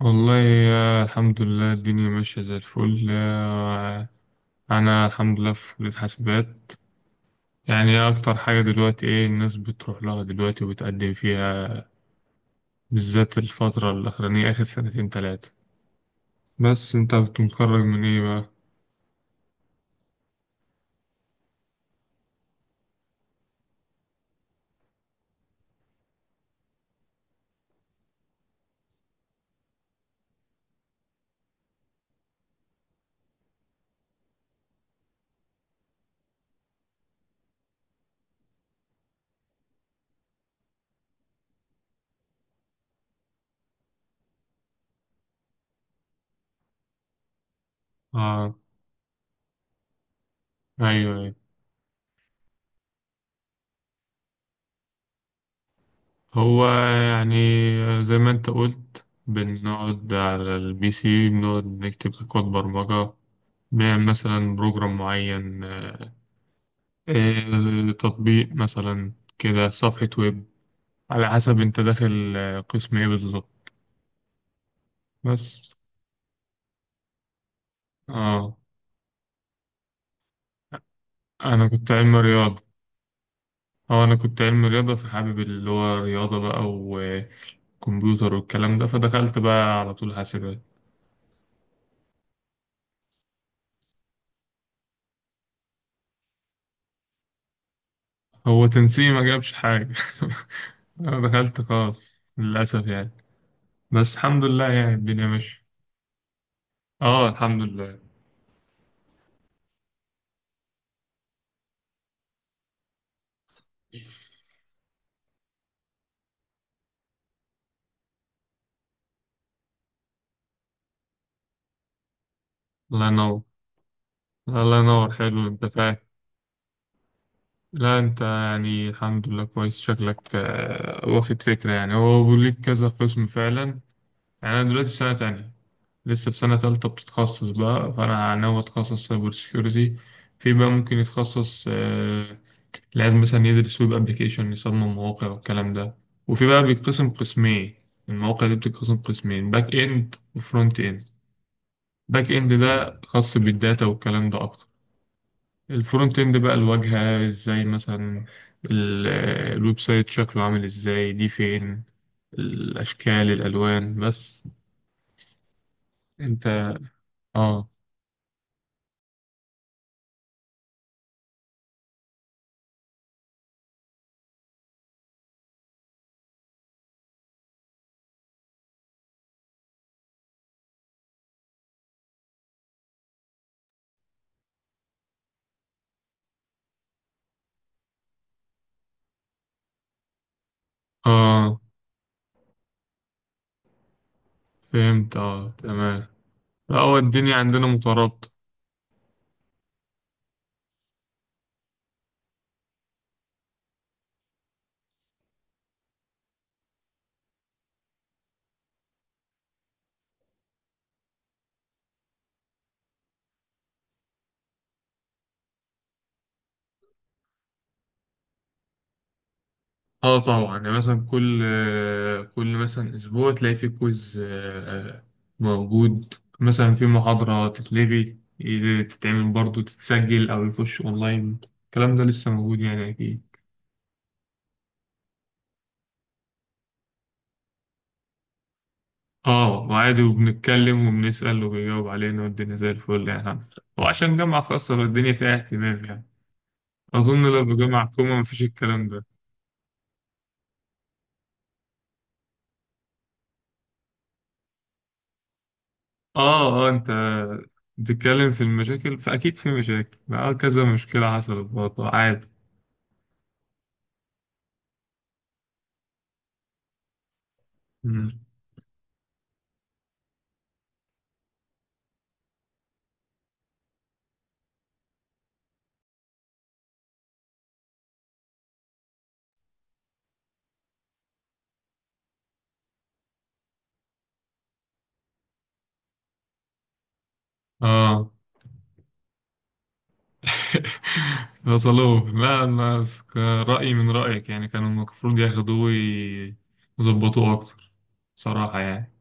والله الحمد لله. الدنيا ماشية زي الفل. أنا الحمد لله في كلية حاسبات. يعني أكتر حاجة دلوقتي إيه الناس بتروح لها دلوقتي وبتقدم فيها، بالذات الفترة الأخرانية آخر سنتين تلاتة. بس أنت كنت متخرج من إيه بقى؟ آه، أيوه، أيوه. هو يعني زي ما أنت قلت، بنقعد على البي سي، بنقعد نكتب كود برمجة، بنعمل مثلا بروجرام معين، تطبيق مثلا، كده صفحة ويب، على حسب انت داخل قسم ايه بالظبط. بس اه انا كنت علم رياضة اه انا كنت علم رياضة، فحابب اللي هو رياضة بقى وكمبيوتر والكلام ده، فدخلت بقى على طول حاسبات. هو تنسيق ما جابش حاجة انا دخلت خاص للأسف يعني، بس الحمد لله يعني الدنيا ماشية. اه الحمد لله. الله ينور، الله ينور، حلو انت فاهم. لا انت يعني الحمد لله كويس، شكلك واخد فكرة. يعني هو بيقول كذا قسم فعلا. يعني انا دلوقتي في سنة تانية، لسه في سنة تالتة بتتخصص بقى، فانا ناوي اتخصص سايبر سيكيورتي. في بقى ممكن يتخصص، لازم مثلا يدرس ويب ابلكيشن، يصمم مواقع والكلام ده. وفي بقى بيتقسم قسمين، المواقع دي بتتقسم قسمين، باك اند وفرونت اند. باك اند ده خاص بالداتا والكلام ده اكتر. الفرونت اند بقى الواجهة ازاي، مثلا ال- الويب سايت شكله عامل ازاي، دي فين الأشكال الألوان. بس انت، اه اه، فهمت، اه تمام. هو الدنيا عندنا مترابطة. اه طبعا، يعني مثلا كل مثلا أسبوع تلاقي في كويز موجود. مثلا في محاضرة تتلغي، تتعمل برضو تتسجل، أو يخش أونلاين. الكلام ده لسه موجود يعني أكيد. اه وعادي، وبنتكلم وبنسأل وبيجاوب علينا، والدنيا زي الفل يعني الحمد لله. وعشان جامعة خاصة فالدنيا فيها اهتمام يعني. أظن لو في جامعة حكومة مفيش الكلام ده. اه اه، انت بتتكلم في المشاكل فأكيد في مشاكل. اه، كذا مشكلة حصلت برضه عادي. مم. اه وصلوه. لا، أنا رأيي من رأيك، يعني كانوا المفروض ياخدوه ويظبطوه أكتر، صراحة يعني.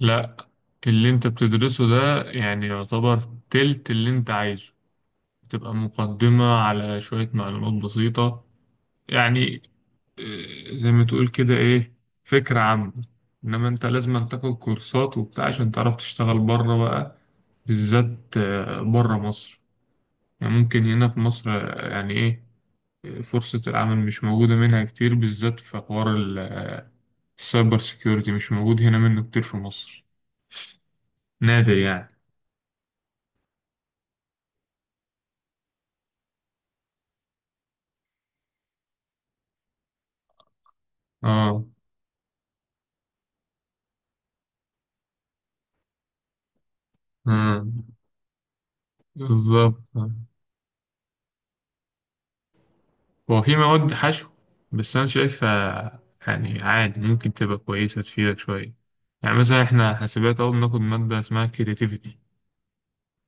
لا، اللي انت بتدرسه ده يعني يعتبر تلت اللي انت عايزه. بتبقى مقدمة على شوية معلومات بسيطة يعني. اه، زي ما تقول كده، ايه، فكرة عامة. انما انت لازم تاخد كورسات وبتاع عشان تعرف تشتغل بره بقى، بالذات بره مصر. يعني ممكن هنا في مصر يعني ايه، فرصة العمل مش موجودة منها كتير، بالذات في حوار السايبر سيكيورتي مش موجود هنا منه كتير في مصر، نادر يعني. اه، مم. بالظبط. هو في مواد حشو، بس انا شايفها يعني عادي، ممكن تبقى كويسة تفيدك شوية. يعني مثلا احنا حاسبات اهو بناخد مادة اسمها كرياتيفيتي،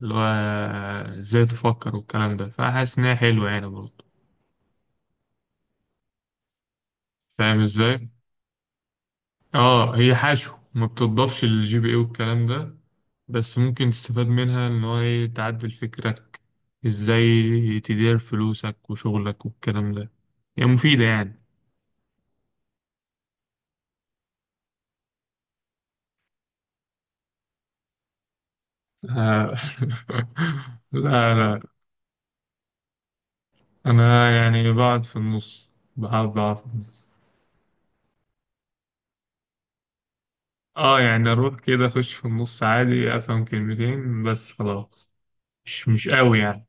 اللي هو ازاي تفكر والكلام ده، فحاسس ان هي حلوة يعني برضه. فاهم ازاي؟ اه هي حشو ما بتضافش للجي بي اي والكلام ده، بس ممكن تستفاد منها ان هو ايه، تعدل فكرك ازاي، تدير فلوسك وشغلك والكلام ده، هي يعني مفيدة يعني. آه، لا لا، أنا يعني بقعد في النص. اه يعني أروح كده أخش في النص عادي، أفهم كلمتين بس خلاص، مش قوي يعني.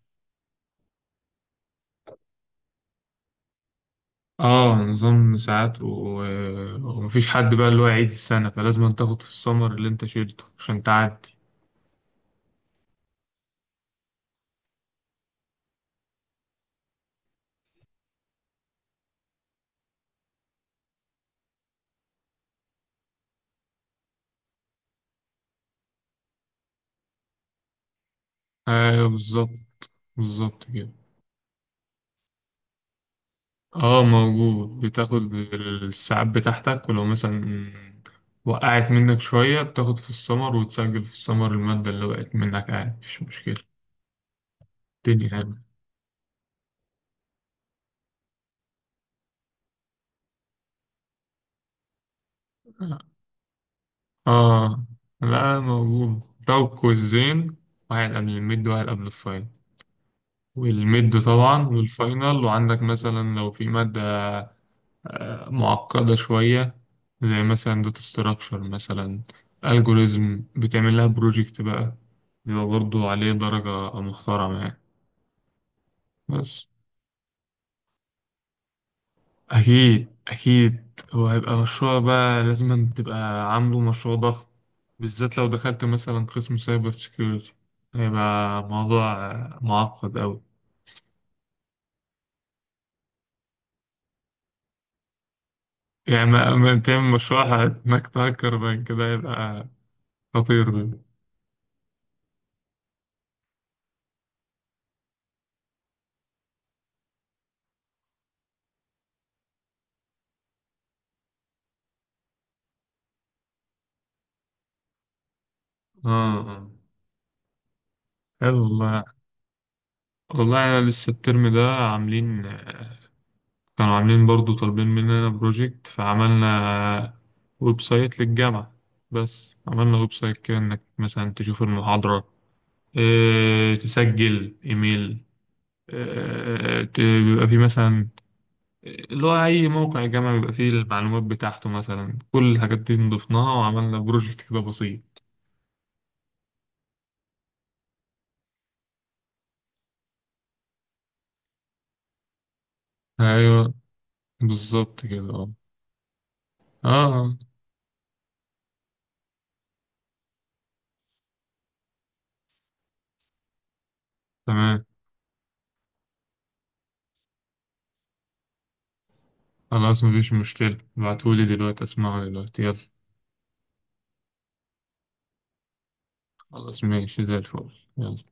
اه نظام ساعات ومفيش حد بقى اللي هو يعيد السنة، فلازم أن تاخد في السمر اللي انت شيلته عشان تعدي. ايوه بالظبط، بالظبط كده. اه موجود، بتاخد الساعات بتاعتك، ولو مثلا وقعت منك شوية بتاخد في السمر وتسجل في السمر المادة اللي وقعت منك عادي، مفيش مشكلة. الدنيا يعني. اه لا موجود، لو كويزين، واحد قبل الميد وواحد قبل الفاينل، والميد طبعا والفاينل. وعندك مثلا لو في مادة معقدة شوية، زي مثلا داتا ستراكشر، مثلا الجوريزم، بتعمل لها بروجكت بقى، بيبقى برضه عليه درجة محترمة يعني. بس أكيد أكيد هو هيبقى مشروع بقى، لازم تبقى عامله مشروع ضخم، بالذات لو دخلت مثلا قسم سايبر سيكيورتي، هيبقى موضوع معقد أوي. يعني ما تعمل مشروع إنك تهكر بقى كده، هيبقى خطير ده. اه آه. حلو والله. والله أنا لسه الترم ده كانوا عاملين برضو طالبين مننا بروجكت، فعملنا ويب سايت للجامعة. بس عملنا ويب سايت كده إنك مثلا تشوف المحاضرة، إيه تسجل إيميل، إيه، بيبقى فيه مثلا اللي هو أي موقع جامعي بيبقى فيه المعلومات بتاعته، مثلا كل الحاجات دي نضفناها وعملنا بروجكت كده بسيط. أيوه بالظبط كده، أه. آه، تمام خلاص مفيش مشكلة، ابعتهولي دلوقتي، اسمعه دلوقتي، يلا. خلاص ماشي زي الفل، يلا.